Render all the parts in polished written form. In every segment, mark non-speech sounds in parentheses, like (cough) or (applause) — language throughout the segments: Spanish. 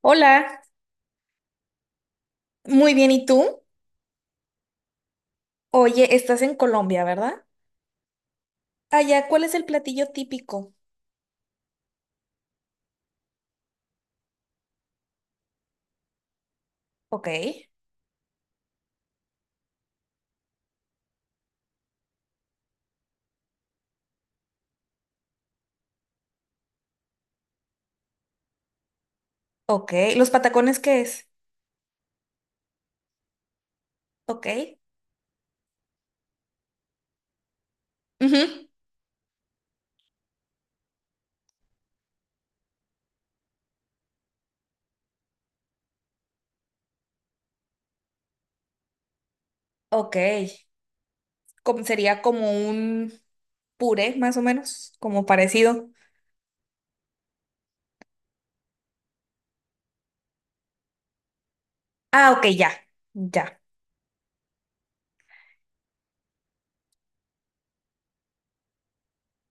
Hola, muy bien, ¿y tú? Oye, estás en Colombia, ¿verdad? Allá, ¿cuál es el platillo típico? Ok, ok. ¿Los patacones qué es? Ok. Ujú. Ok. Sería como un puré, más o menos, como parecido. Ah, ok, ya, ya.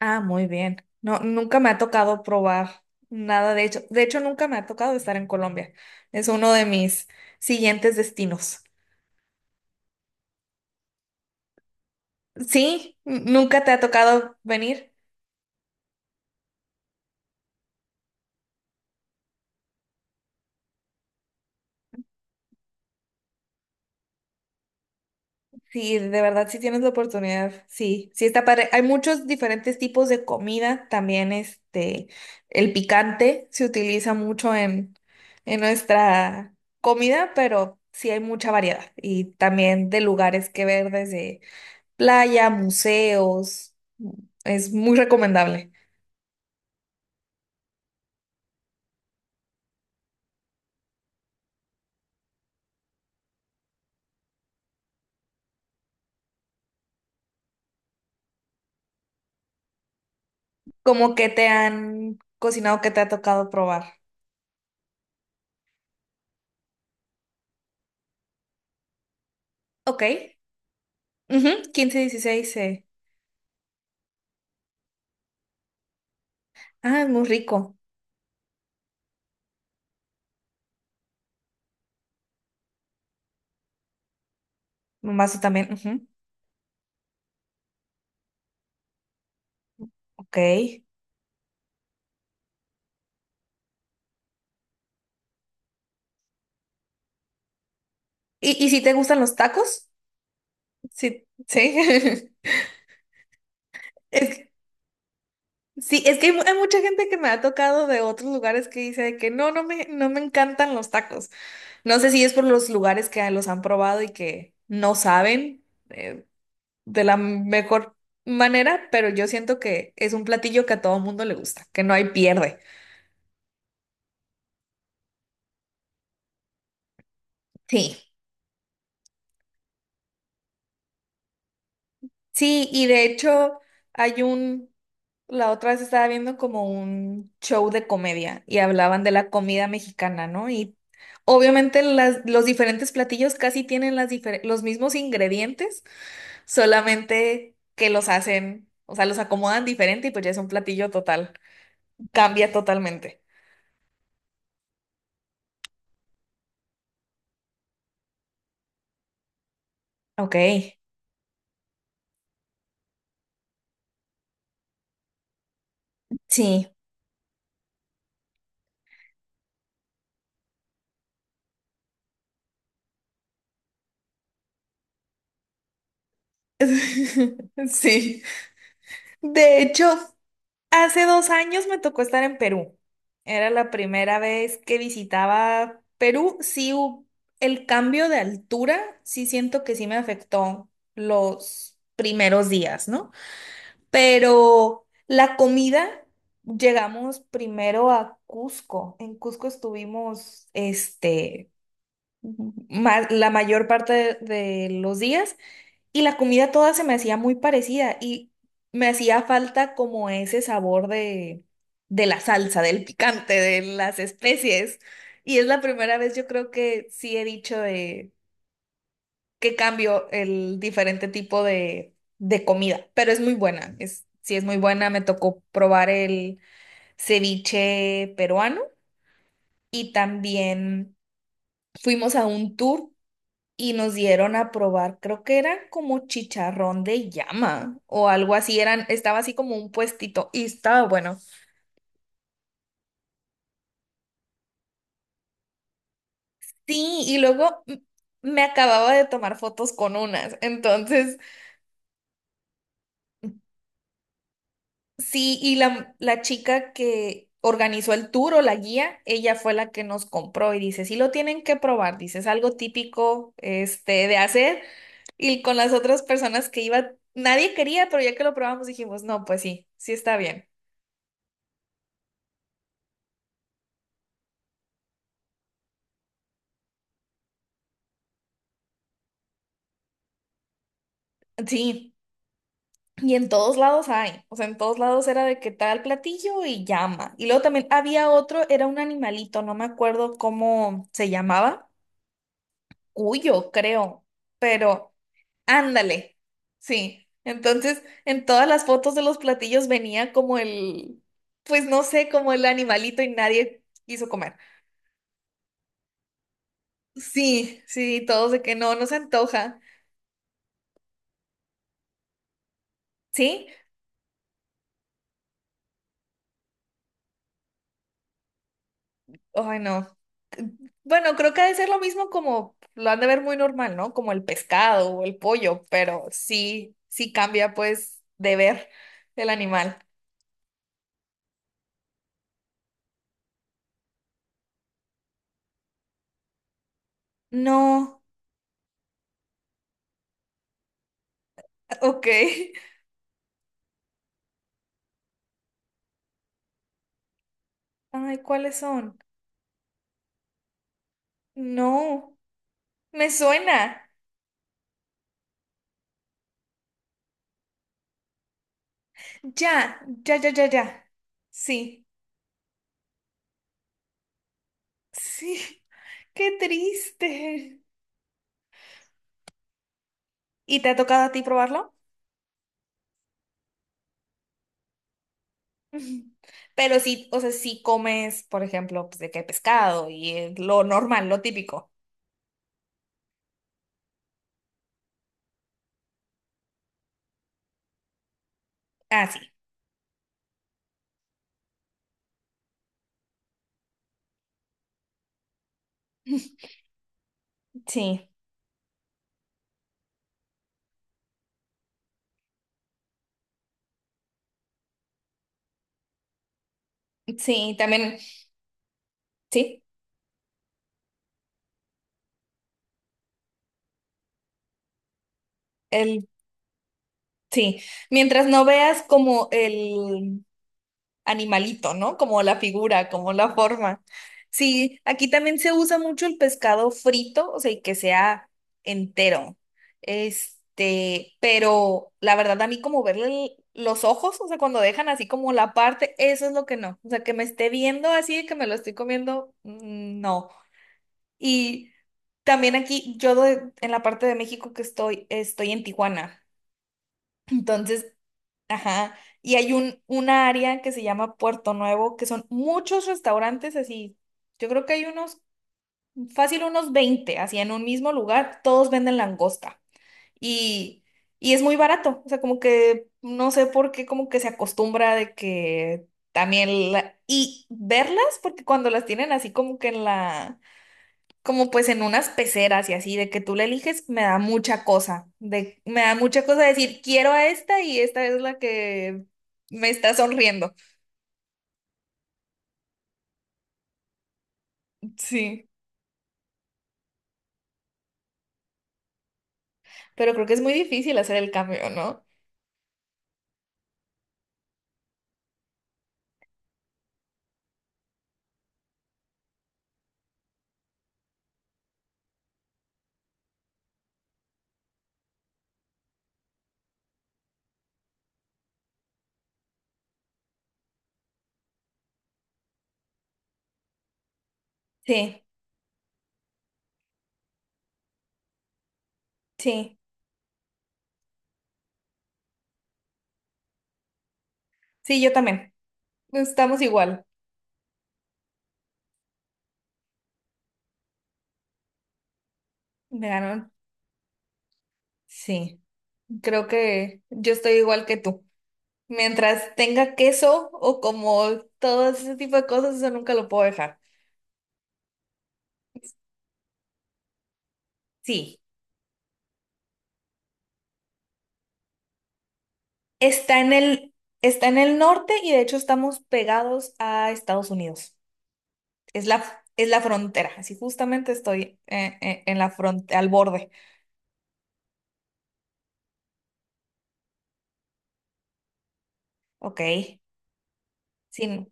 Ah, muy bien. No, nunca me ha tocado probar nada de hecho. De hecho, nunca me ha tocado estar en Colombia. Es uno de mis siguientes destinos. Sí, nunca te ha tocado venir. Sí, de verdad, si tienes la oportunidad, sí, sí está padre. Hay muchos diferentes tipos de comida, también el picante se utiliza mucho en nuestra comida, pero sí hay mucha variedad y también de lugares que ver desde playa, museos, es muy recomendable. Como que te han cocinado, que te ha tocado probar. Ok, ujú, 15, 16, Ah, es muy rico. Mazo también, ujú. Ok. ¿Y si te gustan los tacos? Sí, sí. (laughs) Es que- sí, es que hay, hay mucha gente que me ha tocado de otros lugares que dice de que no, no me encantan los tacos. No sé si es por los lugares que los han probado y que no saben eh, de la mejor manera, pero yo siento que es un platillo que a todo mundo le gusta, que no hay pierde. Sí, sí, y de hecho hay un, la otra vez estaba viendo como un show de comedia y hablaban de la comida mexicana, ¿no? Y obviamente los diferentes platillos casi tienen los mismos ingredientes, solamente que los hacen, o sea, los acomodan diferente y pues ya es un platillo total, cambia totalmente. Ok, sí. (laughs) Sí. De hecho, hace 2 años me tocó estar en Perú. Era la primera vez que visitaba Perú. Sí, el cambio de altura, sí siento que sí me afectó los primeros días, ¿no? Pero la comida, llegamos primero a Cusco. En Cusco estuvimos, la mayor parte de los días. Y la comida toda se me hacía muy parecida y me hacía falta como ese sabor de la salsa, del picante, de las especies. Y es la primera vez yo creo que sí he dicho de que cambio el diferente tipo de comida, pero es muy buena, sí es muy buena. Me tocó probar el ceviche peruano y también fuimos a un tour y nos dieron a probar, creo que era como chicharrón de llama o algo así, estaba así como un puestito y estaba bueno. Sí, y luego me acababa de tomar fotos con unas, entonces sí, y la chica que organizó el tour o la guía, ella fue la que nos compró y dice, sí lo tienen que probar, dice, es algo típico de hacer. Y con las otras personas que iba, nadie quería, pero ya que lo probamos dijimos, no, pues sí, sí está bien. Sí. Y en todos lados hay, o sea, en todos lados era de que tal platillo y llama. Y luego también había otro, era un animalito, no me acuerdo cómo se llamaba, cuyo, creo, pero ándale, sí. Entonces, en todas las fotos de los platillos venía como pues no sé, como el animalito y nadie quiso comer. Sí, sí, todos de que no, no se antoja, ¿sí? Ay, no. Bueno, creo que ha de ser lo mismo como lo han de ver muy normal, ¿no? Como el pescado o el pollo, pero sí, sí cambia pues de ver el animal. No, ok. (laughs) Ay, ¿cuáles son? No, me suena. Ya, ya, ya, ya, ya. Sí, sí. (laughs) Qué triste. ¿Y te ha tocado a ti probarlo? (laughs) Ujú. Pero sí, o sea, sí comes, por ejemplo, pues de qué pescado y lo normal, lo típico. Ah, sí. (laughs) Sí, sí, también, sí, el, sí. Mientras no veas como el animalito, ¿no? Como la figura, como la forma. Sí, aquí también se usa mucho el pescado frito, o sea, y que sea entero. Este, pero la verdad a mí como verle los ojos, o sea, cuando dejan así como la parte, eso es lo que no. O sea, que me esté viendo así, que me lo estoy comiendo, no. Y también aquí, yo en la parte de México que estoy, estoy en Tijuana. Entonces, ajá. Y hay una área que se llama Puerto Nuevo, que son muchos restaurantes así. Yo creo que hay unos, fácil unos 20 así en un mismo lugar, todos venden langosta. Y, y es muy barato. O sea, como que no sé por qué, como que se acostumbra de que también y verlas, porque cuando las tienen así como que en la como pues en unas peceras y así, de que tú la eliges, me da mucha cosa, me da mucha cosa decir, quiero a esta y esta es la que me está sonriendo. Sí, pero creo que es muy difícil hacer el cambio, ¿no? Sí, sí, sí, yo también. Estamos igual. Me ganaron. Sí, creo que yo estoy igual que tú. Mientras tenga queso o como todo ese tipo de cosas, eso nunca lo puedo dejar. Sí. Está en el, Está en el norte y de hecho estamos pegados a Estados Unidos. Es es la frontera. Así justamente estoy en la frontera, al borde. Ok. Sí,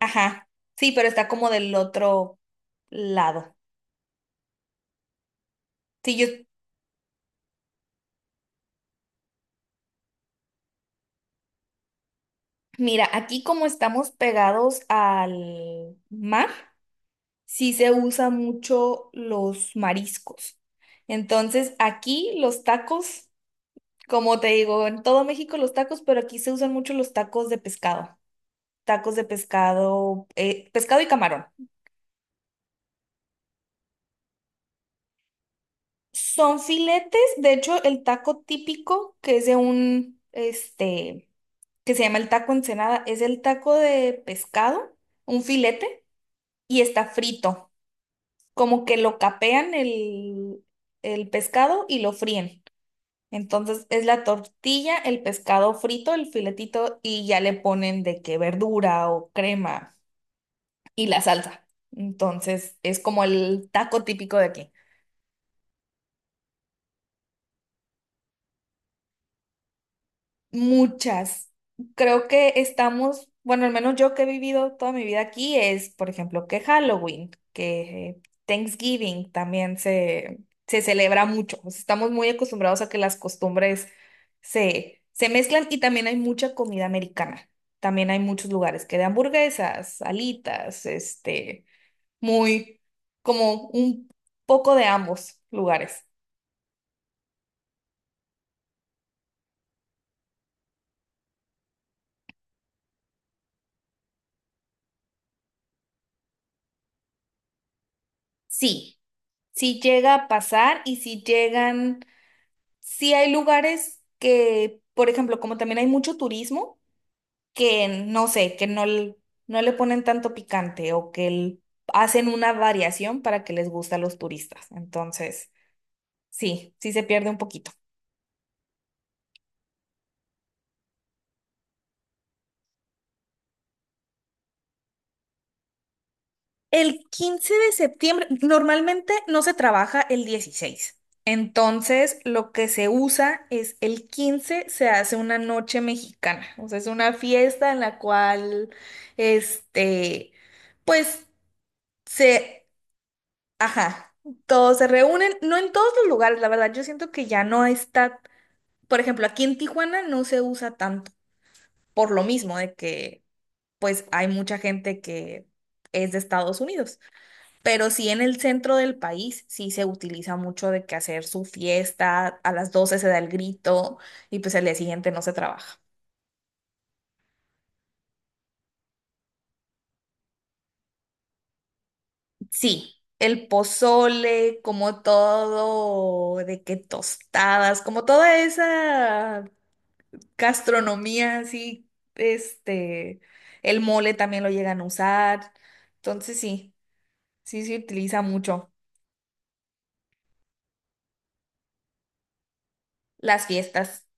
ajá. Sí, pero está como del otro lado. Sí, mira, aquí como estamos pegados al mar, sí se usa mucho los mariscos. Entonces, aquí los tacos. Como te digo, en todo México los tacos, pero aquí se usan mucho los tacos de pescado. Tacos de pescado, pescado y camarón. Son filetes, de hecho, el taco típico que es que se llama el taco Ensenada, es el taco de pescado, un filete, y está frito. Como que lo capean el pescado y lo fríen. Entonces es la tortilla, el pescado frito, el filetito, y ya le ponen de que verdura o crema. Y la salsa. Entonces, es como el taco típico de aquí. Muchas. Creo que estamos, bueno, al menos yo que he vivido toda mi vida aquí es, por ejemplo, que Halloween, que Thanksgiving también se celebra mucho. O sea, estamos muy acostumbrados a que las costumbres se mezclan y también hay mucha comida americana. También hay muchos lugares que de hamburguesas, alitas, muy como un poco de ambos lugares. Sí, sí llega a pasar y sí hay lugares que, por ejemplo, como también hay mucho turismo, que no sé, que no, no le ponen tanto picante o que hacen una variación para que les guste a los turistas. Entonces, sí, sí se pierde un poquito. El 15 de septiembre, normalmente no se trabaja el 16, entonces, lo que se usa es el 15 se hace una noche mexicana. O sea, es una fiesta en la cual, este, pues se, ajá, todos se reúnen, no en todos los lugares, la verdad. Yo siento que ya no está, por ejemplo, aquí en Tijuana no se usa tanto, por lo mismo de que, pues, hay mucha gente que es de Estados Unidos. Pero sí en el centro del país sí se utiliza mucho de que hacer su fiesta, a las 12 se da el grito y pues el día siguiente no se trabaja. Sí, el pozole, como todo, de que tostadas, como toda esa gastronomía así, este, el mole también lo llegan a usar. Entonces sí, sí se utiliza mucho las fiestas,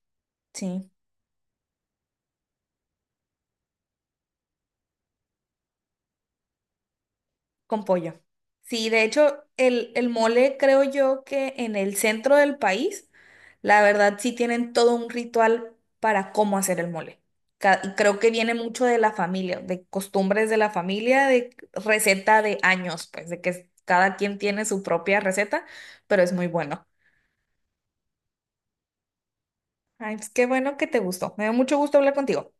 sí. Con pollo. Sí, de hecho, el mole creo yo que en el centro del país, la verdad sí tienen todo un ritual para cómo hacer el mole. Creo que viene mucho de la familia, de costumbres de la familia, de receta de años, pues de que cada quien tiene su propia receta, pero es muy bueno. Ay, pues qué bueno que te gustó. Me dio mucho gusto hablar contigo.